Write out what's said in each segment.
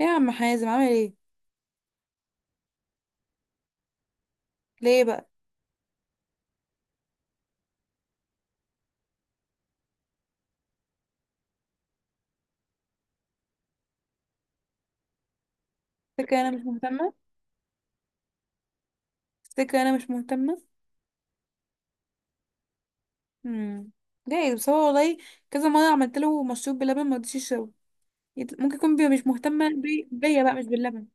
ايه يا عم حازم، عامل ايه؟ ليه بقى؟ تفتكر انا مش مهتمه تفتكر انا مش مهتمه؟ امم جايز، بس هو والله كذا مره عملت له مشروب بلبن ما رضيش يشربه. ممكن يكون بي مش مهتمه بيا بقى، مش باللبن.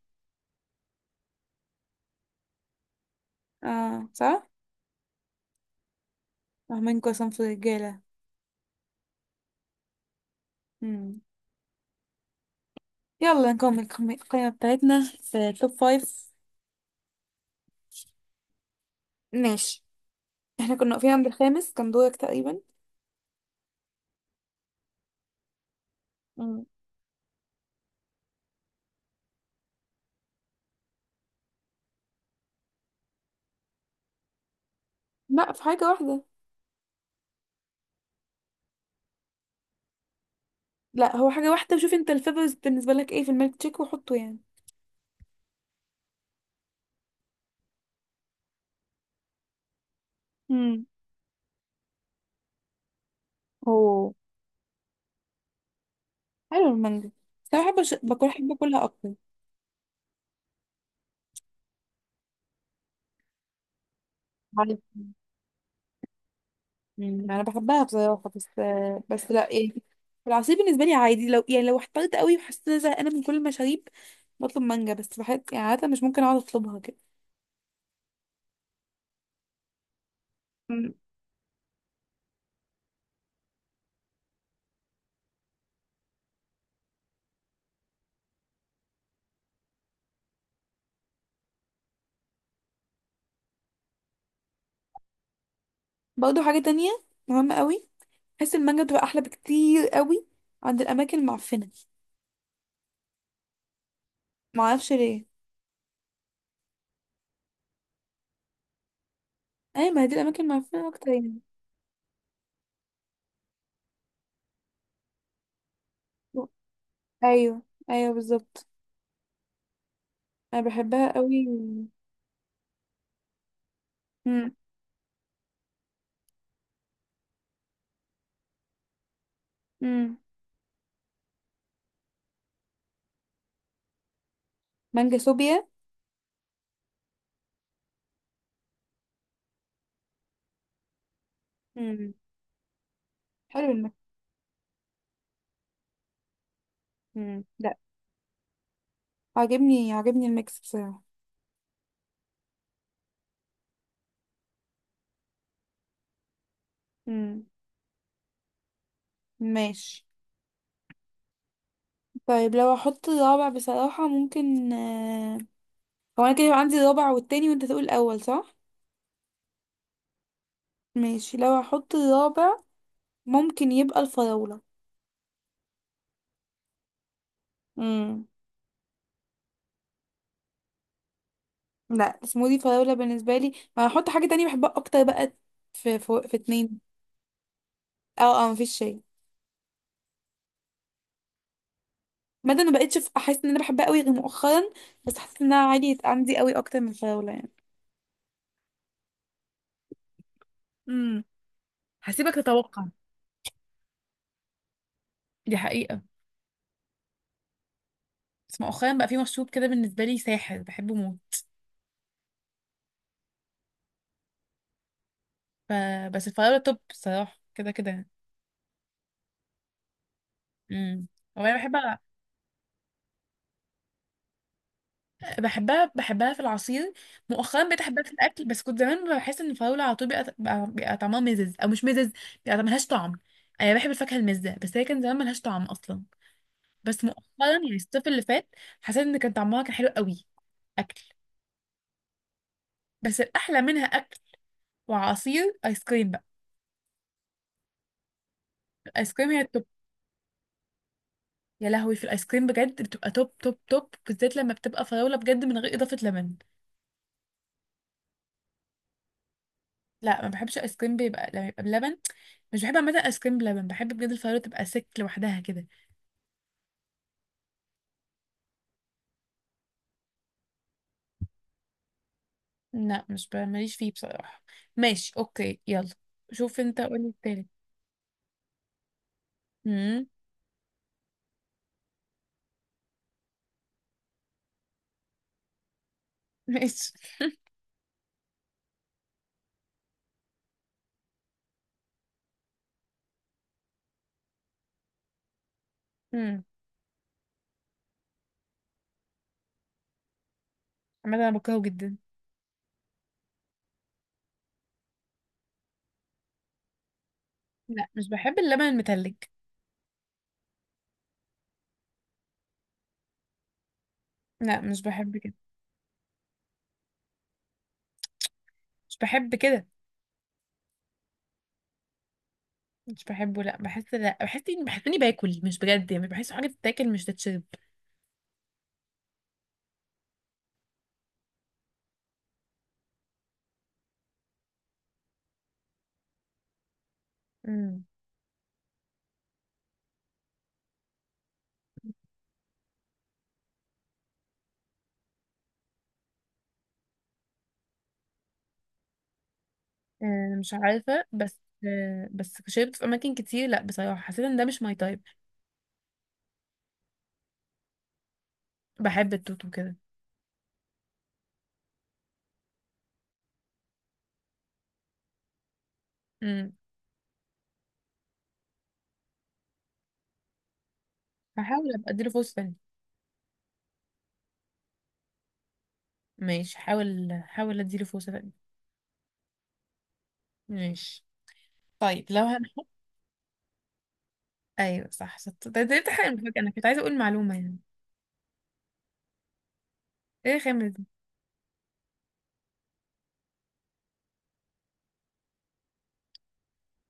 اه، صح. فاهمينكوا يا صنف الرجاله. امم يلا نكمل القائمه بتاعتنا في توب فايف. ماشي. احنا كنا واقفين عند الخامس، كان دورك تقريبا. امم لا، في حاجه واحده. لا، هو حاجه واحده. وشوف انت الفيفرز بالنسبه لك ايه في الميلك تشيك وحطه يعني. امم اوه، حلو المانجا. بس انا بحب الش- باكل بحب اكلها اكتر. عارف. انا بحبها بصراحه بس. بس لا يعني. العصير بالنسبه لي عادي، لو احترت قوي وحسيت ان انا زهقانه من كل المشاريب بطلب مانجا. بس بحب يعني عاده، مش ممكن اقعد اطلبها كده. مم. برضه حاجه تانية مهمه قوي. بحس المانجا بتبقى احلى بكتير قوي عند الاماكن المعفنه. معرفش ليه. ايوه، ما هي دي الاماكن المعفنه اكتر يعني. ايوه، ايوه، بالظبط. انا بحبها قوي. امم امم مانجا صوبيا. امم حلو. مم. لا، عاجبني عاجبني الميكس بصراحة. مم. ماشي. طيب لو احط الرابع بصراحة ممكن هو انا كده يبقى عندي الرابع والتاني، وانت تقول الاول، صح؟ ماشي. لو احط الرابع ممكن يبقى الفراولة. مم. لا، سموذي فراولة بالنسبة لي، ما هحط حاجة تانية بحبها اكتر بقى. في اتنين. اه، اه، مفيش شيء. مادة ما بقتش احس ان انا بحبها قوي غير مؤخرا. بس حسيت انها عادي عندي قوي اكتر من الفراولة يعني. امم هسيبك تتوقع. دي حقيقة. بس مؤخرا بقى في مشروب كده بالنسبة لي ساحر بحبه موت. ف... بس الفراولة توب الصراحة كده كده. امم وانا بحبها في العصير. مؤخرا بقيت احبها في الاكل، بس كنت زمان بحس ان الفراولة على طول بيبقى طعمها مزز او مش مزز، بيبقى ملهاش طعم. انا بحب الفاكهة المزة، بس هي كان زمان ملهاش طعم اصلا. بس مؤخرا يعني الصيف اللي فات حسيت ان كان طعمها كان حلو قوي. اكل. بس الاحلى منها اكل وعصير، ايس كريم بقى. الايس كريم هي التوب. يا لهوي، في الايس كريم بجد بتبقى توب توب توب، بالذات لما بتبقى فراوله بجد من غير اضافه لبن. لا، ما بحبش الايس كريم بيبقى لما يبقى بلبن. مش بحب عامه الايس كريم بلبن، بحب بجد الفراوله تبقى سك لوحدها كده. لا، مش ماليش فيه بصراحه. ماشي، اوكي، يلا. شوف انت قولي التالت. امم ماشي. امم عامه انا بكرهه جدا. لا، مش بحب اللبن المتلج. لا، مش بحب كده. مش بحب كده. مش بحبه. لا بحس اني باكل، مش بجد يعني، بحس حاجه تتاكل مش تتشرب. آه، مش عارفة بس. آه، بس شربت في أماكن كتير، لأ بصراحة حسيت إن ده مش ماي تايب. بحب التوت وكده. امم هحاول أبقى أديله فرصة تانية. ماشي، حاول حاول أديله فرصة تانية. ماشي. طيب لو هنحط. أيوة، صح، شطة، ده تحقق المفاجأة، أنا كنت عايزة أقول معلومة يعني. إيه الخامة دي؟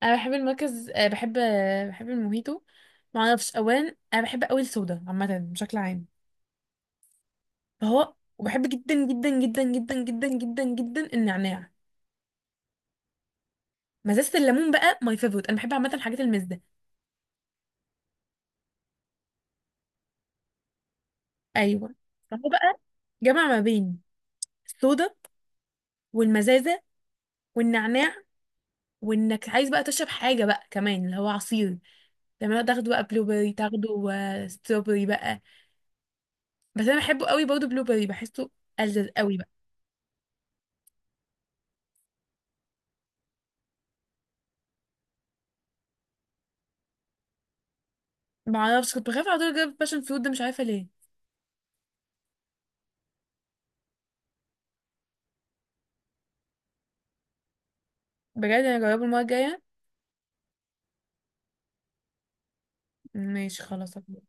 أنا بحب المركز آه، بحب آه، بحب الموهيتو. معرفش. أولا أنا بحب أوي الصودا عامة بشكل عام. فهو، وبحب جدا جدا جدا جدا جدا جدا جدا النعناع. مزازة الليمون بقى ماي فيفورت. انا بحب عامه الحاجات المزة. ايوه. فهو بقى جمع ما بين الصودا والمزازه والنعناع، وانك عايز بقى تشرب حاجه بقى كمان اللي هو عصير. لما تاخده بقى بلو بيري، تاخده ستروبري بقى. بس انا بحبه قوي برضه بلو بيري، بحسه ألذذ قوي بقى. ما اعرفش. كنت بخاف على طول اجرب باشن فروت ده، مش عارفه ليه. بجد انا اجربه المره الجايه. ماشي، خلاص هجربه.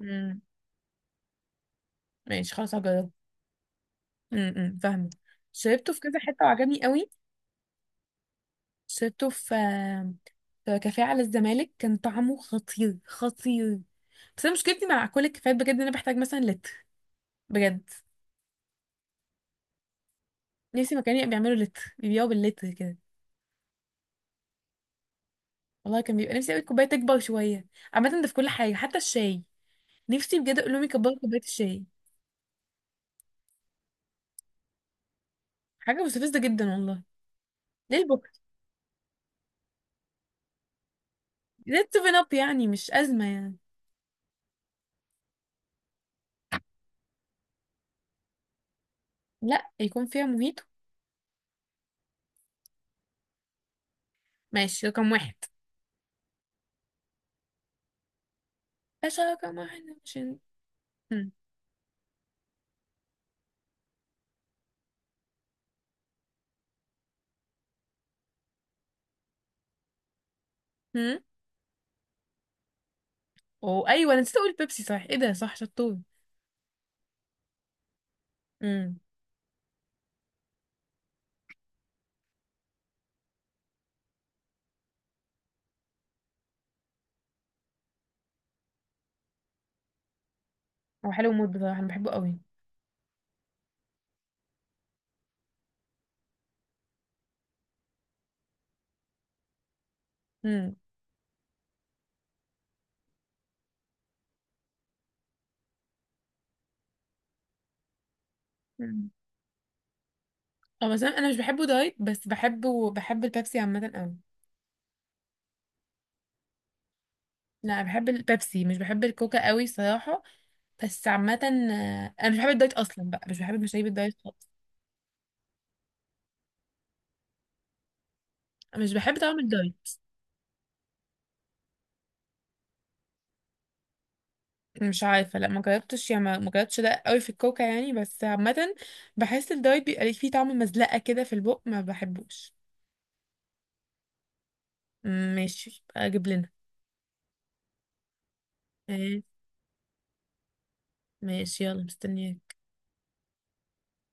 امم ماشي، خلاص هجربه. أمم، فاهمه. شربته في كذا حته وعجبني قوي. شربته في كافيه على الزمالك، كان طعمه خطير خطير. بس انا مشكلتي مع كل الكافيهات بجد، ان انا بحتاج مثلا لتر، بجد. نفسي مكان يبقى بيعملوا لتر، بيبيعوا باللتر كده. والله كان بيبقى نفسي قوي الكوبايه تكبر شويه. عامه ده في كل حاجه حتى الشاي. نفسي بجد اقول لهم يكبروا كوبايه الشاي. حاجه مستفزه جدا والله. ليه البوكس؟ ليه السيفن اب يعني؟ مش ازمه يعني. لا، يكون فيها موهيتو. ماشي، رقم واحد. باشا رقم واحد مش. هم هم وايوه انا نسيت اقول بيبسي، صح، ايه ده، صح، شطور. هو حلو موت بصراحة، أنا بحبه قوي. امم امم اه، مثلا أنا مش بحبه دايت، بس بحبه، بحب البيبسي عامة قوي. لا، بحب البيبسي مش بحب الكوكا قوي صراحة. بس عامة أنا مش بحب الدايت أصلا بقى، مش بحب مشاريب الدايت خالص. مش بحب طعم الدايت. مش عارفة، لا ما جربتش يعني، ما جربتش ده قوي في الكوكا يعني، بس عامة بحس الدايت بيبقى ليه فيه طعم مزلقة كده في البق، ما بحبوش. ماشي، يبقى أجيب لنا. ايه. ماشي، يلا، مستنياك.